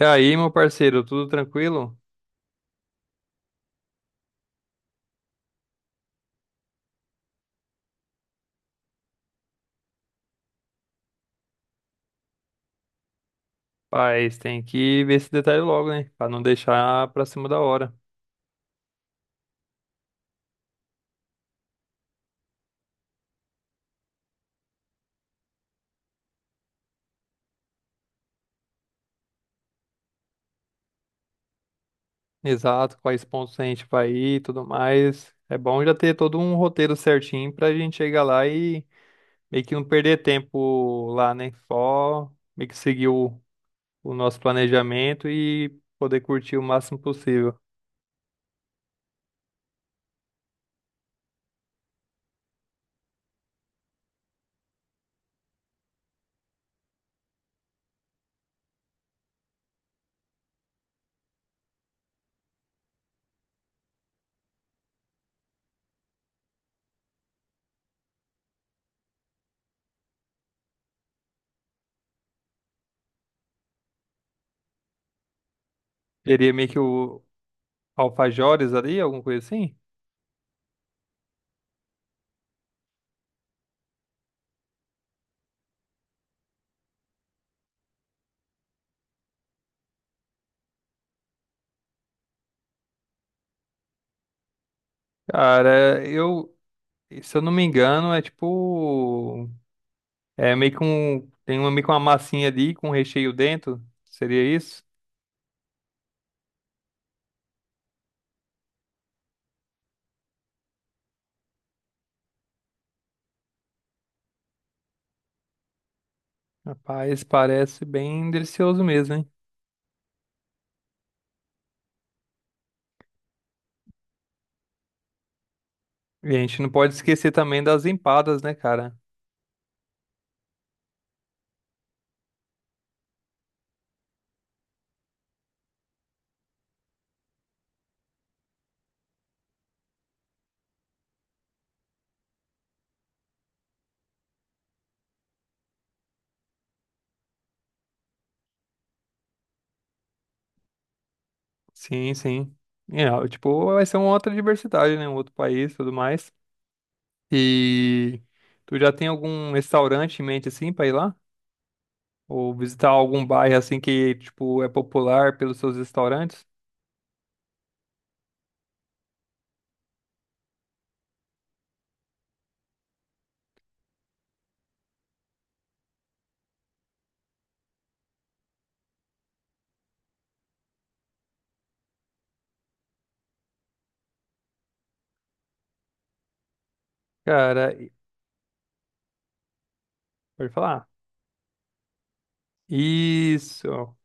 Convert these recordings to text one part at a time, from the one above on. E aí, meu parceiro, tudo tranquilo? Mas tem que ver esse detalhe logo, né? Pra não deixar pra cima da hora. Exato, quais pontos a gente vai ir e tudo mais. É bom já ter todo um roteiro certinho pra gente chegar lá e meio que não perder tempo lá, né? Só meio que seguir o nosso planejamento e poder curtir o máximo possível. Seria meio que o Alfajores ali, alguma coisa assim? Cara, eu, se eu não me engano, é tipo é meio que um. Tem uma, meio que uma massinha ali com recheio dentro. Seria isso? Rapaz, parece bem delicioso mesmo, hein? E a gente não pode esquecer também das empadas, né, cara? Sim, sim. É, ó, tipo, vai ser uma outra diversidade, né? Um outro país e tudo mais. E tu já tem algum restaurante em mente assim pra ir lá? Ou visitar algum bairro assim que, tipo, é popular pelos seus restaurantes? Cara, e- Pode falar? Isso.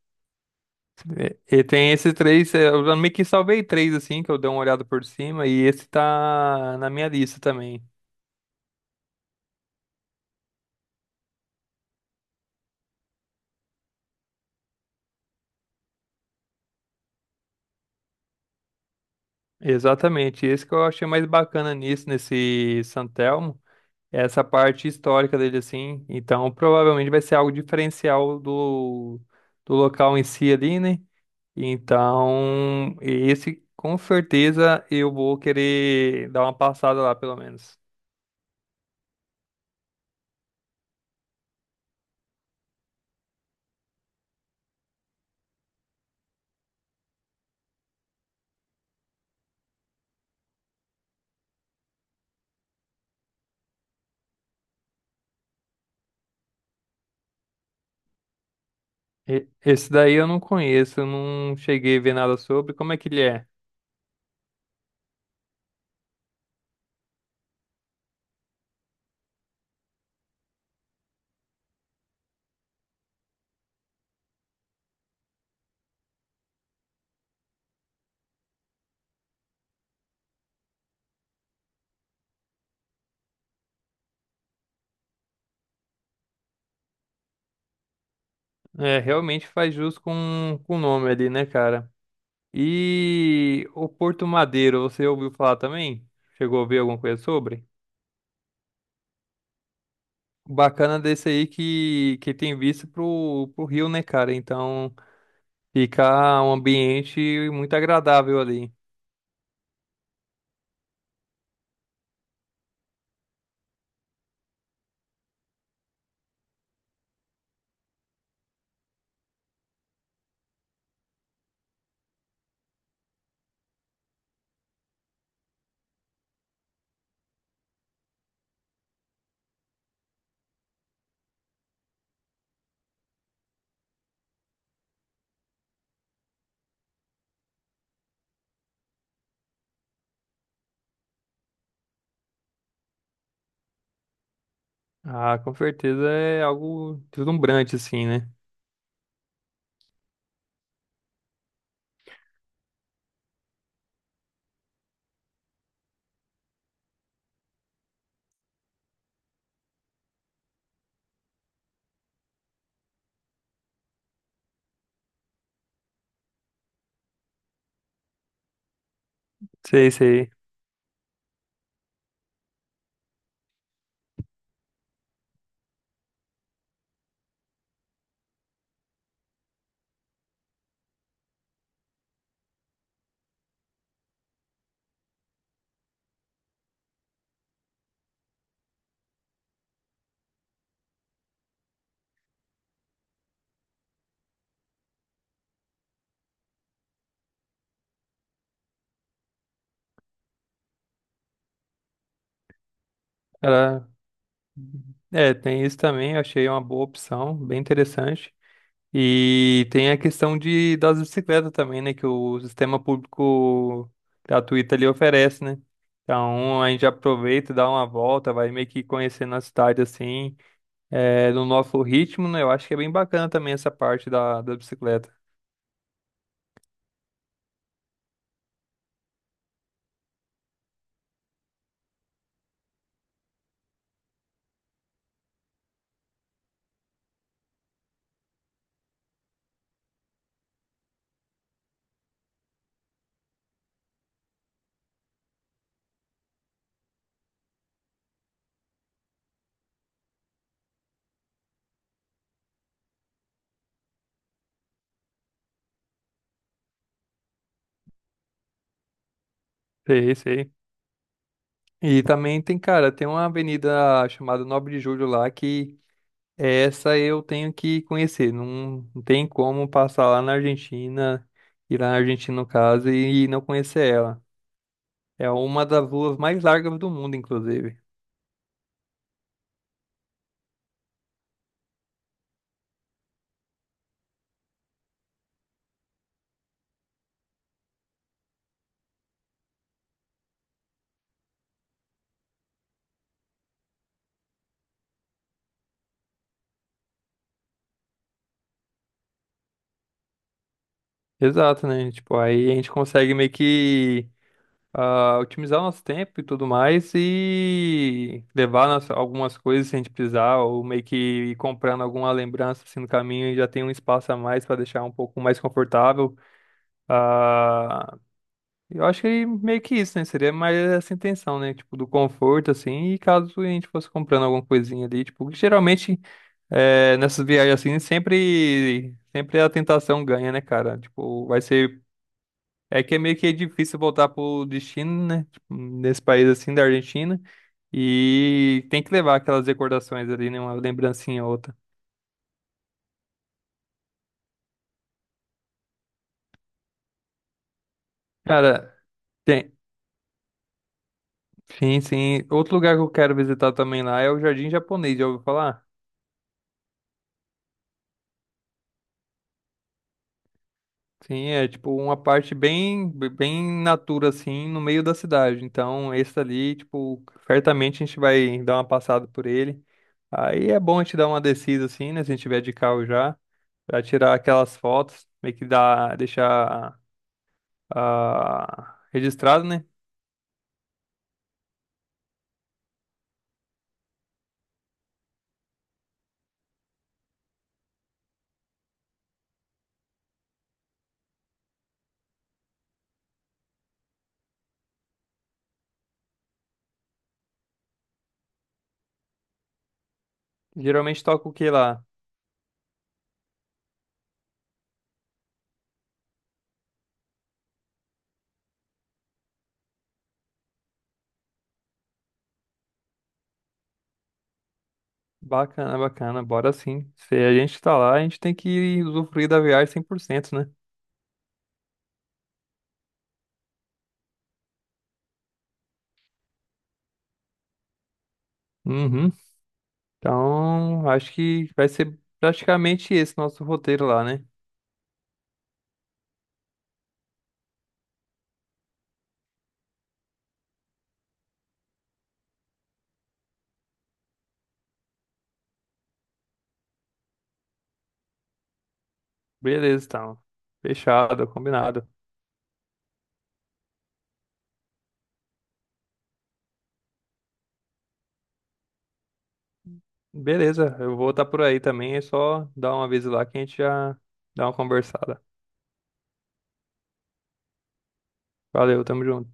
E tem esses três, eu meio que salvei três assim, que eu dei uma olhada por cima, e esse tá na minha lista também. Exatamente, esse que eu achei mais bacana nisso, nesse Santelmo, é essa parte histórica dele, assim. Então, provavelmente vai ser algo diferencial do local em si ali, né? Então, esse com certeza eu vou querer dar uma passada lá, pelo menos. Esse daí eu não conheço, eu não cheguei a ver nada sobre. Como é que ele é? É, realmente faz jus com o nome ali, né, cara? E o Porto Madeiro, você ouviu falar também? Chegou a ouvir alguma coisa sobre? O Bacana desse aí que tem vista pro rio, né, cara? Então fica um ambiente muito agradável ali. Ah, com certeza é algo deslumbrante, assim, né? Sei, sei. Cara, é, tem isso também, eu achei uma boa opção, bem interessante. E tem a questão de, das bicicletas também, né? Que o sistema público gratuito ali oferece, né? Então a gente aproveita, dá uma volta, vai meio que conhecendo a cidade assim, é, no nosso ritmo, né? Eu acho que é bem bacana também essa parte da bicicleta. Sei, sei. E também tem, cara, tem uma avenida chamada 9 de Julho lá que essa eu tenho que conhecer. Não, não tem como passar lá na Argentina, ir lá na Argentina no caso, e não conhecer ela. É uma das luas mais largas do mundo, inclusive. Exato, né? Tipo, aí a gente consegue meio que otimizar o nosso tempo e tudo mais e levar algumas coisas se a gente precisar, ou meio que ir comprando alguma lembrança assim, no caminho e já tem um espaço a mais para deixar um pouco mais confortável. Ah, eu acho que meio que isso, né? Seria mais essa intenção, né? Tipo, do conforto, assim, e caso a gente fosse comprando alguma coisinha ali, tipo, geralmente. É, nessas viagens assim, sempre a tentação ganha, né, cara? Tipo, vai ser. É que é meio que difícil voltar pro destino, né? Tipo, nesse país assim da Argentina. E tem que levar aquelas recordações ali, né? Uma lembrancinha ou outra. Cara, tem. Sim, sim. Outro lugar que eu quero visitar também lá é o Jardim Japonês, já ouviu falar? Sim, é tipo uma parte bem, bem natura, assim, no meio da cidade. Então, esse ali, tipo, certamente a gente vai dar uma passada por ele. Aí é bom a gente dar uma descida assim, né? Se a gente tiver de carro já, pra tirar aquelas fotos, meio que dá, deixar registrado, né? Geralmente toca o que lá? Bacana, bacana, bora sim. Se a gente tá lá, a gente tem que usufruir da viagem 100%, né? Uhum. Então, acho que vai ser praticamente esse nosso roteiro lá, né? Beleza, então. Fechado, combinado. Beleza, eu vou estar por aí também, é só dar uma vez lá que a gente já dá uma conversada. Valeu, tamo junto.